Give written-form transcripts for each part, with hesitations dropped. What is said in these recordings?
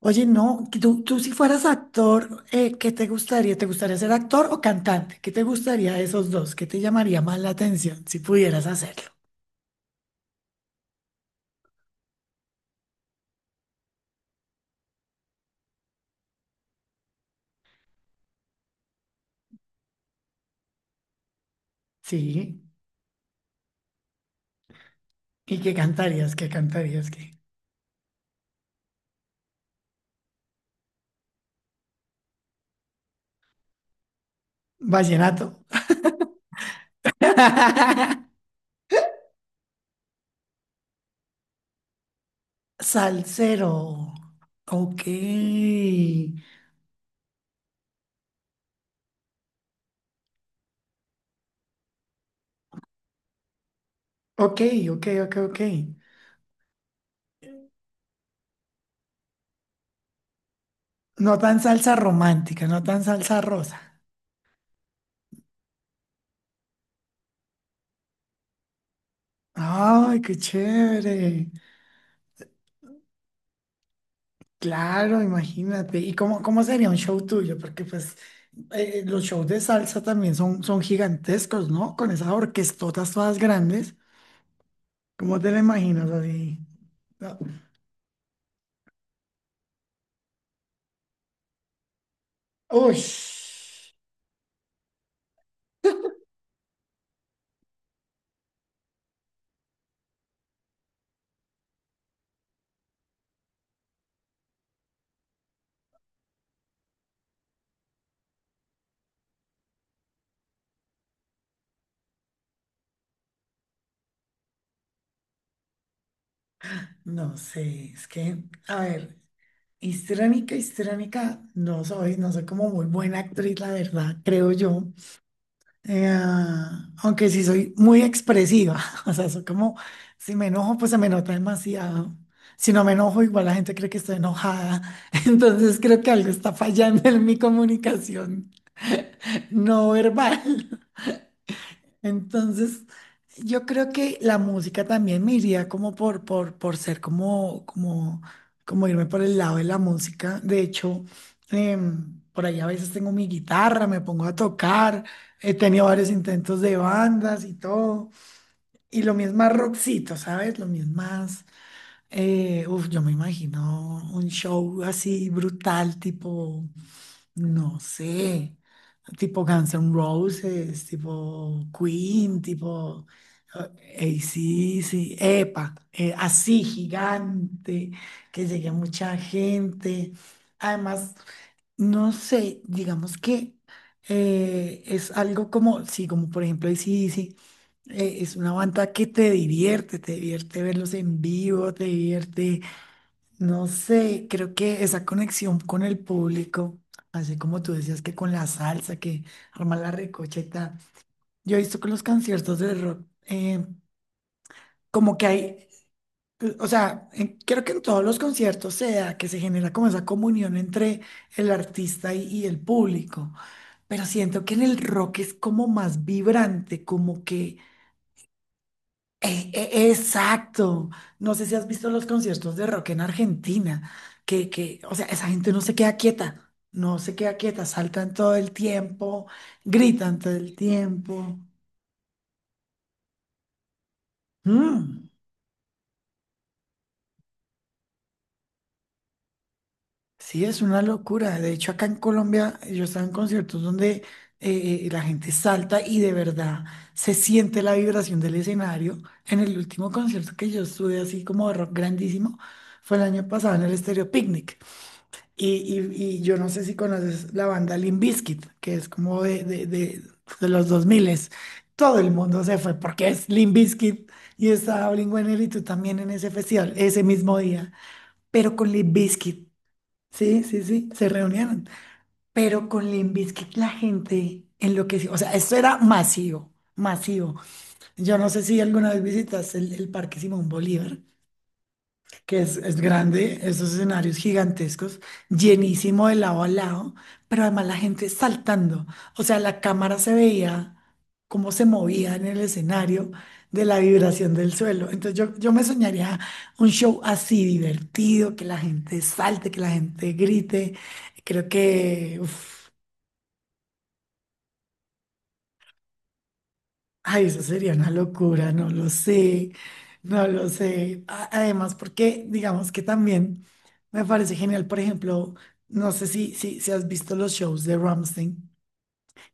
Oye, no, que tú si fueras actor, ¿qué te gustaría? ¿Te gustaría ser actor o cantante? ¿Qué te gustaría de esos dos? ¿Qué te llamaría más la atención si pudieras hacerlo? Sí. ¿Y qué cantarías? ¿Qué cantarías? ¿Qué? Vallenato. Salsero. Ok. Ok, ok, ok, ok. No tan salsa romántica, no tan salsa rosa. Ay, qué chévere. Claro, imagínate. ¿Y cómo sería un show tuyo? Porque pues los shows de salsa también son gigantescos, ¿no? Con esas orquestotas todas grandes. ¿Cómo te la imaginas así? No. Uy, no sé, es que, a ver, histriónica, no soy como muy buena actriz, la verdad, creo yo. Eh, Aunque sí soy muy expresiva, o sea, soy como, si me enojo, pues se me nota demasiado. Si no me enojo, igual la gente cree que estoy enojada. Entonces creo que algo está fallando en mi comunicación no verbal. Entonces, yo creo que la música también me iría como por ser como irme por el lado de la música. De hecho, por ahí a veces tengo mi guitarra, me pongo a tocar, he tenido varios intentos de bandas y todo. Y lo mismo más rockcito, ¿sabes? Lo mismo más, uf, yo me imagino un show así brutal, tipo, no sé, tipo Guns N' Roses, tipo Queen, tipo AC/DC, epa, así gigante, que llegue a mucha gente. Además, no sé, digamos que es algo como, sí, como por ejemplo AC/DC, es una banda que te divierte verlos en vivo, te divierte, no sé, creo que esa conexión con el público, así como tú decías que con la salsa, que arma la recocheta, yo he visto con los conciertos de rock, como que hay, o sea, creo que en todos los conciertos se da que se genera como esa comunión entre el artista y el público, pero siento que en el rock es como más vibrante, como que. Exacto. No sé si has visto los conciertos de rock en Argentina, o sea, esa gente no se queda quieta, no se queda quieta, saltan todo el tiempo, gritan todo el tiempo. Mm, sí, es una locura. De hecho, acá en Colombia yo estaba en conciertos donde la gente salta y de verdad se siente la vibración del escenario. En el último concierto que yo estuve así como de rock grandísimo fue el año pasado en el Estéreo Picnic. Y, y yo no sé si conoces la banda Limp Bizkit, que es como de los 2000. Todo el mundo se fue porque es Limp Bizkit y estaba Blink-182 también en ese festival, ese mismo día, pero con Limp Bizkit. Sí, sí, sí, se reunieron. Pero con Limp Bizkit la gente enloqueció. O sea, esto era masivo, masivo. Yo no sé si alguna vez visitaste el Parque Simón Bolívar que es grande, esos escenarios gigantescos, llenísimo de lado a lado, pero además la gente saltando. O sea, la cámara se veía cómo se movía en el escenario de la vibración del suelo. Entonces yo me soñaría un show así divertido, que la gente salte, que la gente grite. Creo que, uf, ay, eso sería una locura, no lo sé, no lo sé. Además, porque digamos que también me parece genial, por ejemplo, no sé si has visto los shows de Ramstein,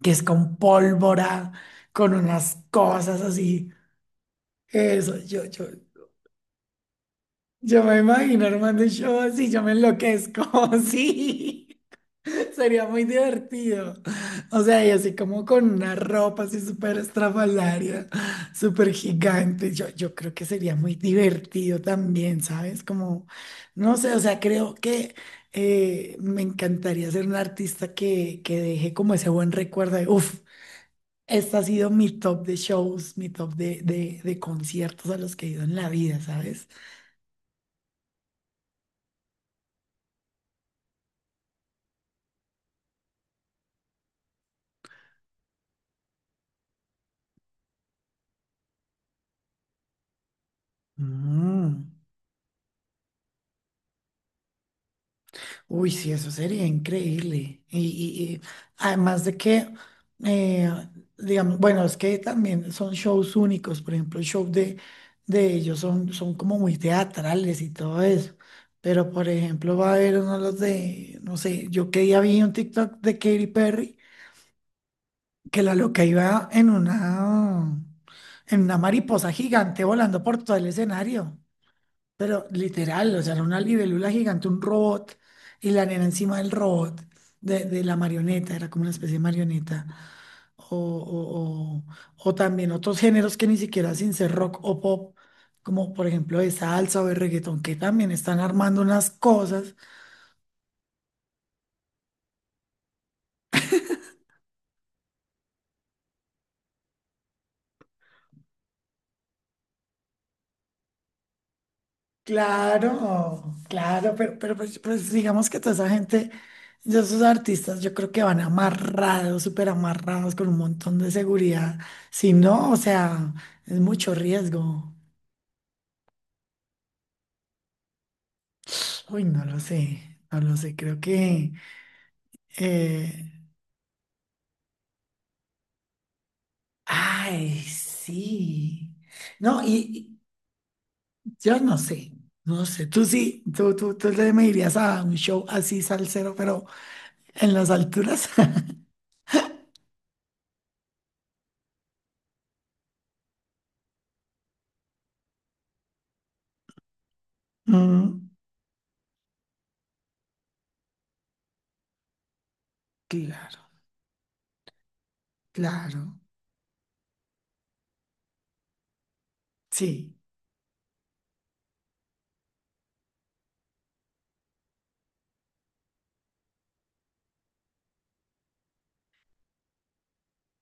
que es con pólvora, con unas cosas así. Eso, yo me imagino armando un show así, yo me enloquezco, sí. Sería muy divertido. O sea, y así como con una ropa así súper estrafalaria, súper gigante. Yo creo que sería muy divertido también, ¿sabes? Como, no sé, o sea, creo que me encantaría ser un artista que deje como ese buen recuerdo de, uff, este ha sido mi top de shows, mi top de conciertos a los que he ido en la vida, ¿sabes? Mm. Uy, sí, eso sería increíble. Y además de que, eh, digamos, bueno, es que también son shows únicos, por ejemplo, el show de ellos son como muy teatrales y todo eso. Pero, por ejemplo, va a haber uno de los de, no sé, yo que día vi un TikTok de Katy Perry, que la loca iba en una mariposa gigante volando por todo el escenario. Pero literal, o sea, era una libélula gigante, un robot, y la nena encima del robot, de la marioneta, era como una especie de marioneta. O, o, o- o también otros géneros que ni siquiera sin ser rock o pop, como por ejemplo de salsa o de reggaetón, que también están armando unas cosas. Claro, claro, pero pues digamos que toda esa gente, ya esos artistas, yo creo que van amarrados, súper amarrados, con un montón de seguridad. Si no, o sea, es mucho riesgo. Uy, no lo sé, no lo sé, creo que. eh, Ay, sí. No, y yo no sé, no sé, tú sí, tú le me irías a un show así salsero, pero en las alturas. Mm, claro. Claro, sí.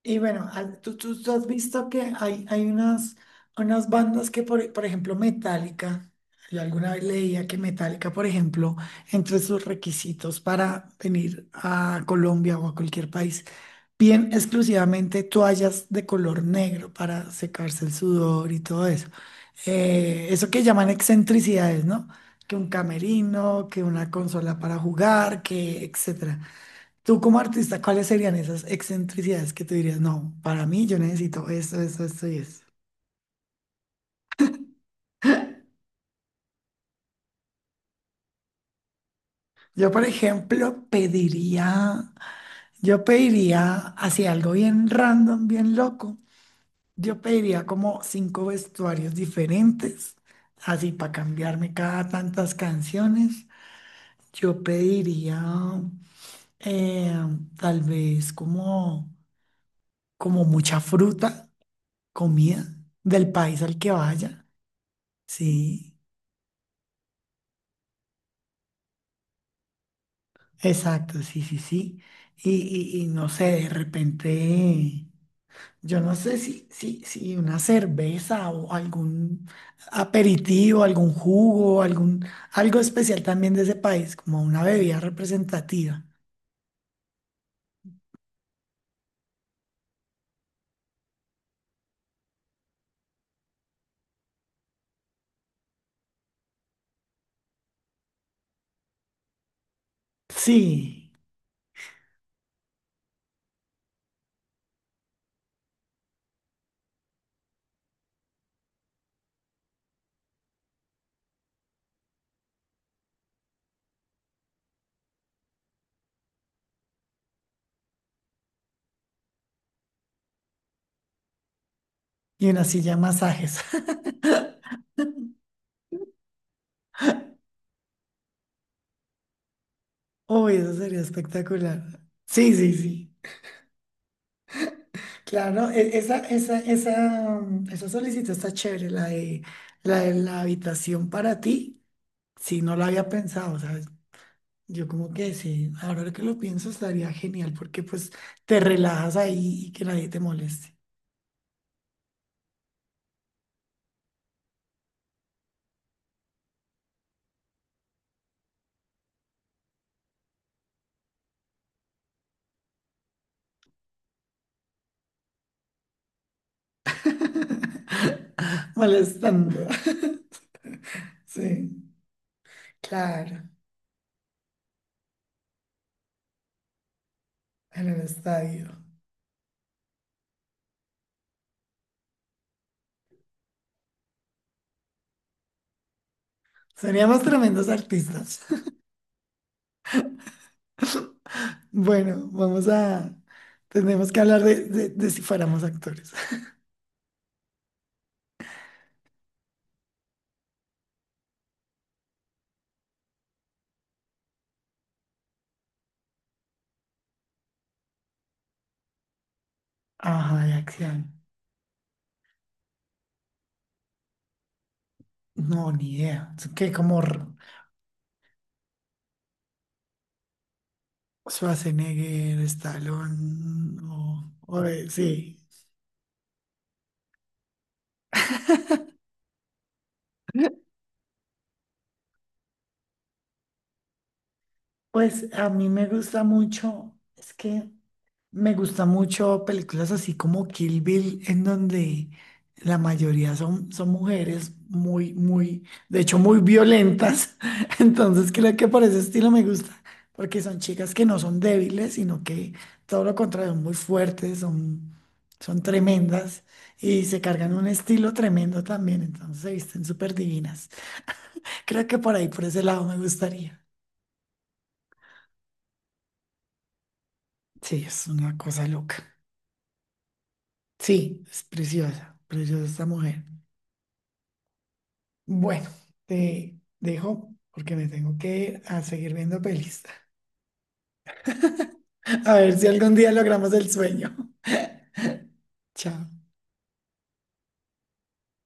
Y bueno, tú has visto que hay unas, bandas que, por ejemplo, Metallica, yo alguna vez leía que Metallica, por ejemplo, entre sus requisitos para venir a Colombia o a cualquier país, bien exclusivamente toallas de color negro para secarse el sudor y todo eso. Eso que llaman excentricidades, ¿no? Que un camerino, que una consola para jugar, que etcétera. Tú como artista, ¿cuáles serían esas excentricidades que tú dirías, no, para mí yo necesito esto, esto, esto y esto? Yo, por ejemplo, pediría, así algo bien random, bien loco, yo pediría como cinco vestuarios diferentes, así para cambiarme cada tantas canciones. Yo pediría eh, tal vez como mucha fruta, comida del país al que vaya, sí. Exacto, sí, sí, sí. Y, y no sé, de repente, yo no sé si una cerveza o algún aperitivo, algún jugo, algún, algo especial también de ese país, como una bebida representativa. Sí, y una silla de masajes. Uy, eso sería espectacular. Sí, sí, sí. Claro, esa solicitud está chévere, la de la habitación para ti. Sí, no lo había pensado, ¿sabes? Yo como que sí, ahora que lo pienso estaría genial porque pues te relajas ahí y que nadie te moleste. Molestando. Sí, claro, en el estadio. Seríamos tremendos artistas. Bueno, vamos a. Tenemos que hablar de si fuéramos actores. Ajá, de acción. No, ni idea. Es que como Schwarzenegger, Stallone, o, sí. Pues a mí me gusta mucho, es que me gusta mucho películas así como Kill Bill, en donde la mayoría son mujeres muy, muy, de hecho muy violentas. Entonces creo que por ese estilo me gusta, porque son chicas que no son débiles, sino que todo lo contrario, son muy fuertes, son tremendas y se cargan un estilo tremendo también. Entonces se visten súper divinas. Creo que por ahí, por ese lado me gustaría. Sí, es una cosa loca. Sí, es preciosa, preciosa esta mujer. Bueno, te dejo porque me tengo que ir a seguir viendo pelis. A ver si algún día logramos el sueño. Chao.